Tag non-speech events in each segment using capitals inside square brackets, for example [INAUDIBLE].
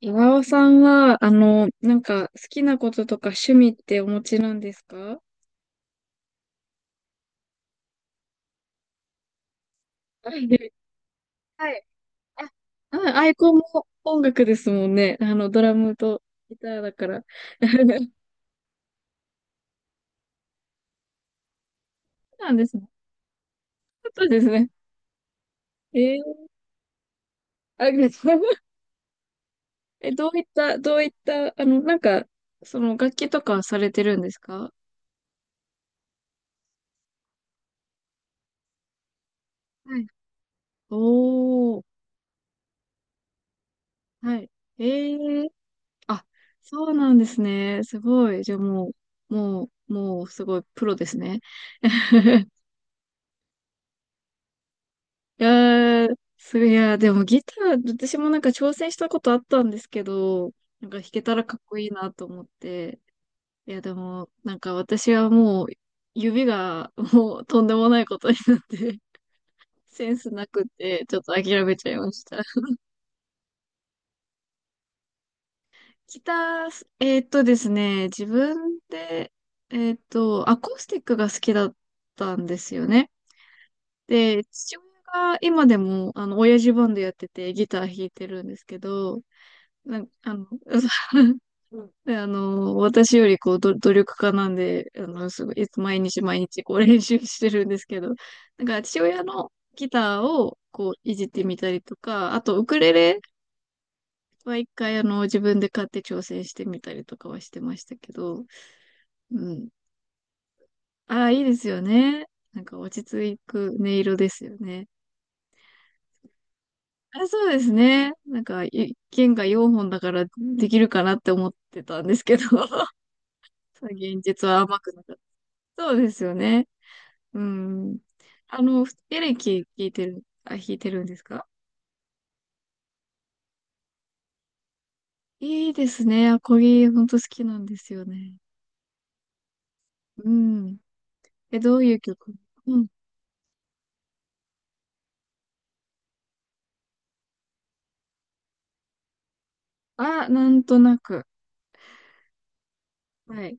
岩尾さんは、好きなこととか趣味ってお持ちなんですか？はい。はい。あ、うん、アイコンも音楽ですもんね。ドラムとギターだから。[LAUGHS] そうなんですね。そうですね。えー、あ、[LAUGHS] どういった、その楽器とかはされてるんですか？はい。おー、はい。えーあ、そうなんですね。すごい。じゃあもうすごいプロですね。[LAUGHS] いやー、そりゃ、でもギター、私もなんか挑戦したことあったんですけど、なんか弾けたらかっこいいなと思って。いや、でも、なんか私はもう、指がもうとんでもないことになって、[LAUGHS] センスなくって、ちょっと諦めちゃいました。ギター、ですね、自分で、アコースティックが好きだったんですよね。で、父親が今でも、親父バンドやっててギター弾いてるんですけど、なん、あの、[LAUGHS] で、私よりこう、努力家なんで、すごい、毎日毎日こう練習してるんですけど、なんか父親のギターをこう、いじってみたりとか、あとウクレレは一回自分で買って挑戦してみたりとかはしてましたけど、うん。ああ、いいですよね。なんか落ち着く音色ですよね。あ、そうですね。なんか、剣が4本だからできるかなって思ってたんですけど、[LAUGHS] 現実は甘くなかった。そうですよね。うん。エレキ弾いてる、あ、弾いてるんですか？いいですね。アコギ、ほんと好きなんですよね。うん。どういう曲？うん。あ、なんとなく。はい。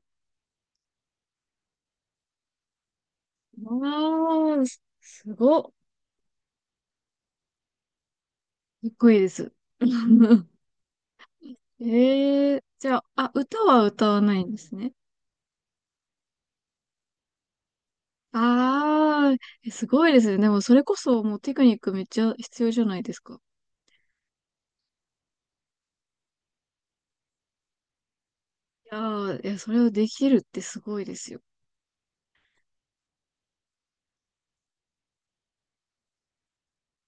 ああ、すごっ。かっこいいです。[LAUGHS] ええー、じゃあ、あ、歌は歌わないんですね。ああ、すごいですね。でもそれこそもうテクニックめっちゃ必要じゃないですか。いやー、いや、それをできるってすごいですよ。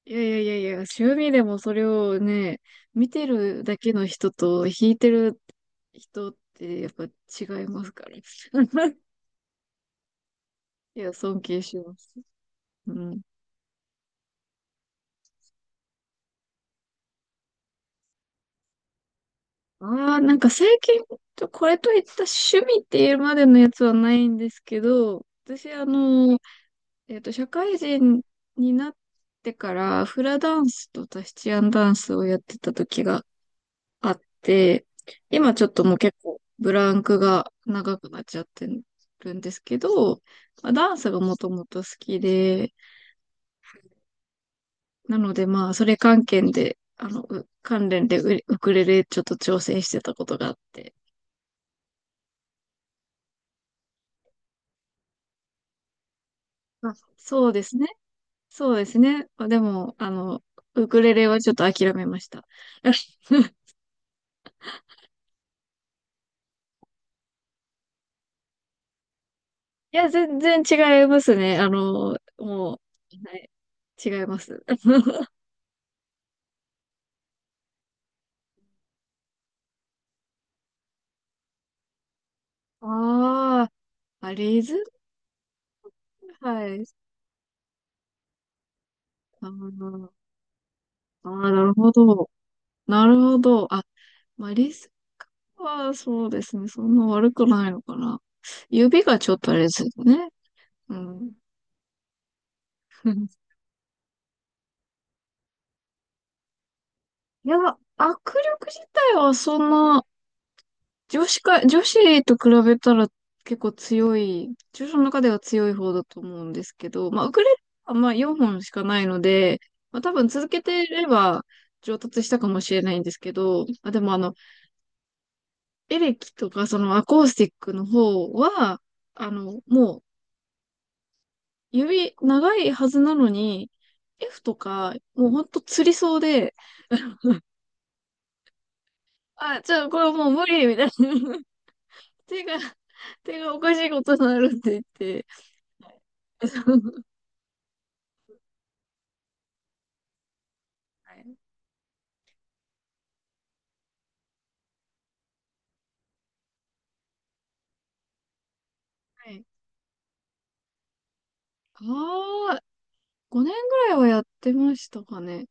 いやいやいやいや、趣味でもそれをね、見てるだけの人と弾いてる人ってやっぱ違いますから。[LAUGHS] いや、尊敬します。うん。ああ、なんか最近、これといった趣味っていうまでのやつはないんですけど、私社会人になってからフラダンスとタヒチアンダンスをやってた時があって、今ちょっともう結構ブランクが長くなっちゃってるんですけど、まあ、ダンスがもともと好きで、なのでまあ、それ関係で、関連でウクレレちょっと挑戦してたことがあって。あ、そうですね。そうですね。まあでも、ウクレレはちょっと諦めました。[LAUGHS] いや、全然違いますね。もう、はい、違います。[LAUGHS] ああ、あ、リズム、はい。あーあー、なるほど。なるほど。あ、まあ、リズムはそうですね。そんな悪くないのかな。指がちょっとあれですよね。うん。[LAUGHS] いや、握力自体はそんな女子と比べたら結構強い、女子の中では強い方だと思うんですけど、まあ、ウクレレはまあ4本しかないので、まあ、多分続けてれば上達したかもしれないんですけど、まあ、でもエレキとかそのアコースティックの方は、もう指長いはずなのに、F とか、もうほんと釣りそうで、あ、じゃあこれもう無理みたいな。[LAUGHS] 手が、手がおかしいことになるって言って。[LAUGHS] はい、ああ、5年ぐらいはやってましたかね。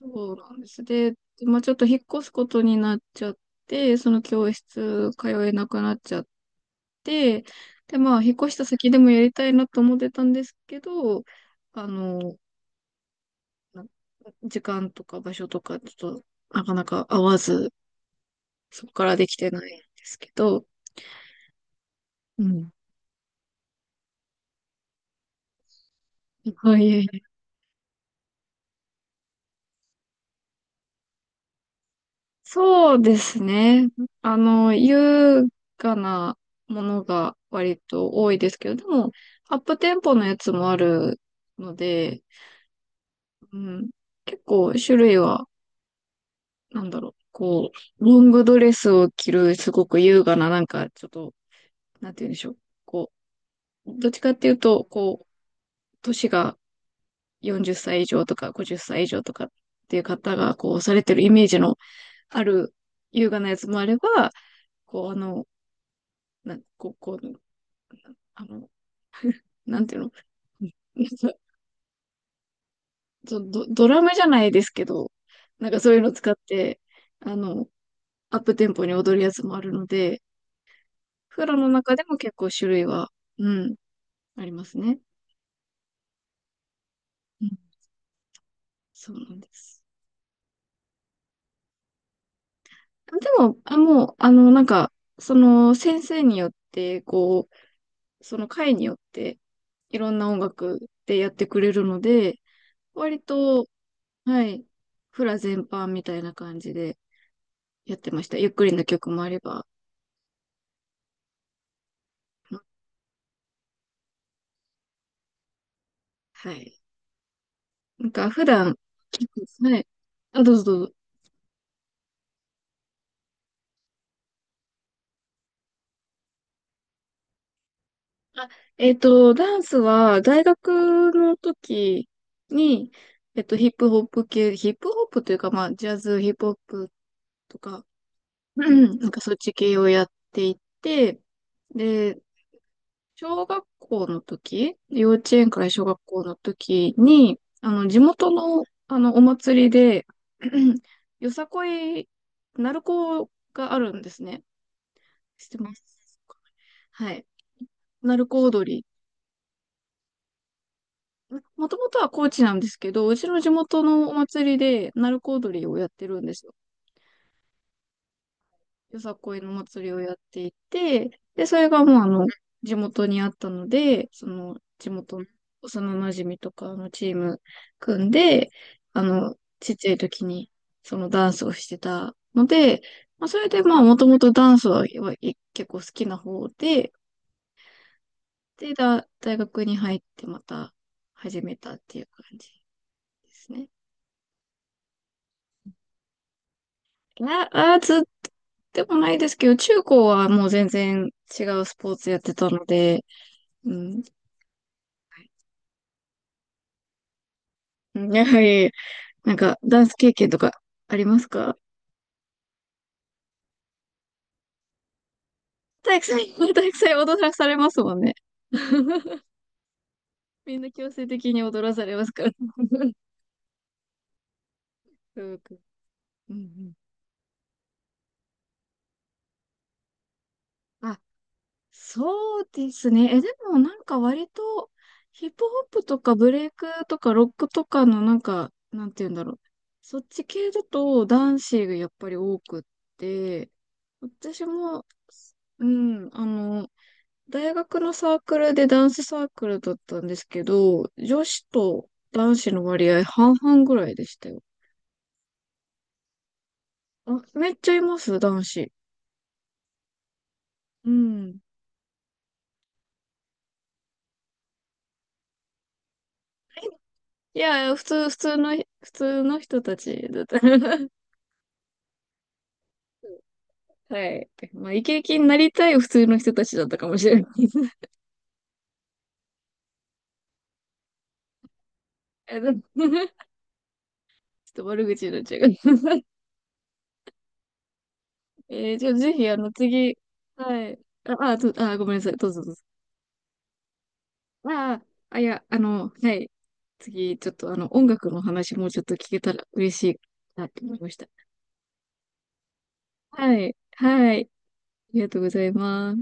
そうなんです。で、まあちょっと引っ越すことになっちゃって、その教室通えなくなっちゃって、で、まあ引っ越した先でもやりたいなと思ってたんですけど、あの、な時間とか場所とかちょっとなかなか合わず、そこからできてないんですけど、うん。はい、そうですね。優雅なものが割と多いですけど、でも、アップテンポのやつもあるので、うん、結構種類は、なんだろう、こう、ロングドレスを着る、すごく優雅な、なんか、ちょっと、なんて言うんでしょう。こう、どっちかっていうと、こう、年が40歳以上とか50歳以上とかっていう方が、こう、されてるイメージのある優雅なやつもあれば、こう、こう、あの、なんていうの、[LAUGHS] なんかドラムじゃないですけど、なんかそういうの使って、あの、アップテンポに踊るやつもあるので、フラの中でも結構種類は、うん、ありますね。うん、そうなんです。でも、あ、もう、なんか、その先生によって、こう、その会によって、いろんな音楽でやってくれるので、割と、はい、フラ全般みたいな感じでやってました。ゆっくりな曲もあれば、はい。なんか普段、はい。あ、どうぞどうぞ。ダンスは大学の時に、ヒップホップ系、ヒップホップというか、まあ、ジャズ、ヒップホップとか、うんなんかそっち系をやっていて、で、小学校の時、幼稚園から小学校の時に、地元の、お祭りで、うんよさこい、鳴子があるんですね。知ってます。はい。鳴子踊り。もともとは高知なんですけど、うちの地元のお祭りで鳴子踊りをやってるんですよ。よさこいの祭りをやっていて、で、それがもう地元にあったので、その地元の幼馴染みとかのチーム組んで、ちっちゃい時にそのダンスをしてたので、まあ、それでまあもともとダンスははい結構好きな方で、で、大学に入ってまた始めたっていう感じですね。あ、あー、ずっとでもないですけど、中高はもう全然違うスポーツやってたので、うん。やはり、なんか、ダンス経験とかありますか？体育祭、[LAUGHS] 体育祭踊らされますもんね。[LAUGHS] みんな強制的に踊らされますから。[LAUGHS] すごく、うん、うん。あ、そうですね。でもなんか割とヒップホップとかブレイクとかロックとかのなんか、なんて言うんだろう。そっち系だと男子がやっぱり多くって、私も、うん、大学のサークルでダンスサークルだったんですけど、女子と男子の割合半々ぐらいでしたよ。あ、めっちゃいます、男子。うん。いや、普通の人たちだった。[LAUGHS] はい。まあ、イケイケになりたい普通の人たちだったかもしれない。[LAUGHS] でも [LAUGHS] ちょっと悪口になっちゃうけど [LAUGHS] じゃあぜひ、次、はい。ごめんなさい。どうぞどうぞ。あ、いや、はい。次、ちょっと、音楽の話もうちょっと聞けたら嬉しいなと思いました。はい。はい。ありがとうございます。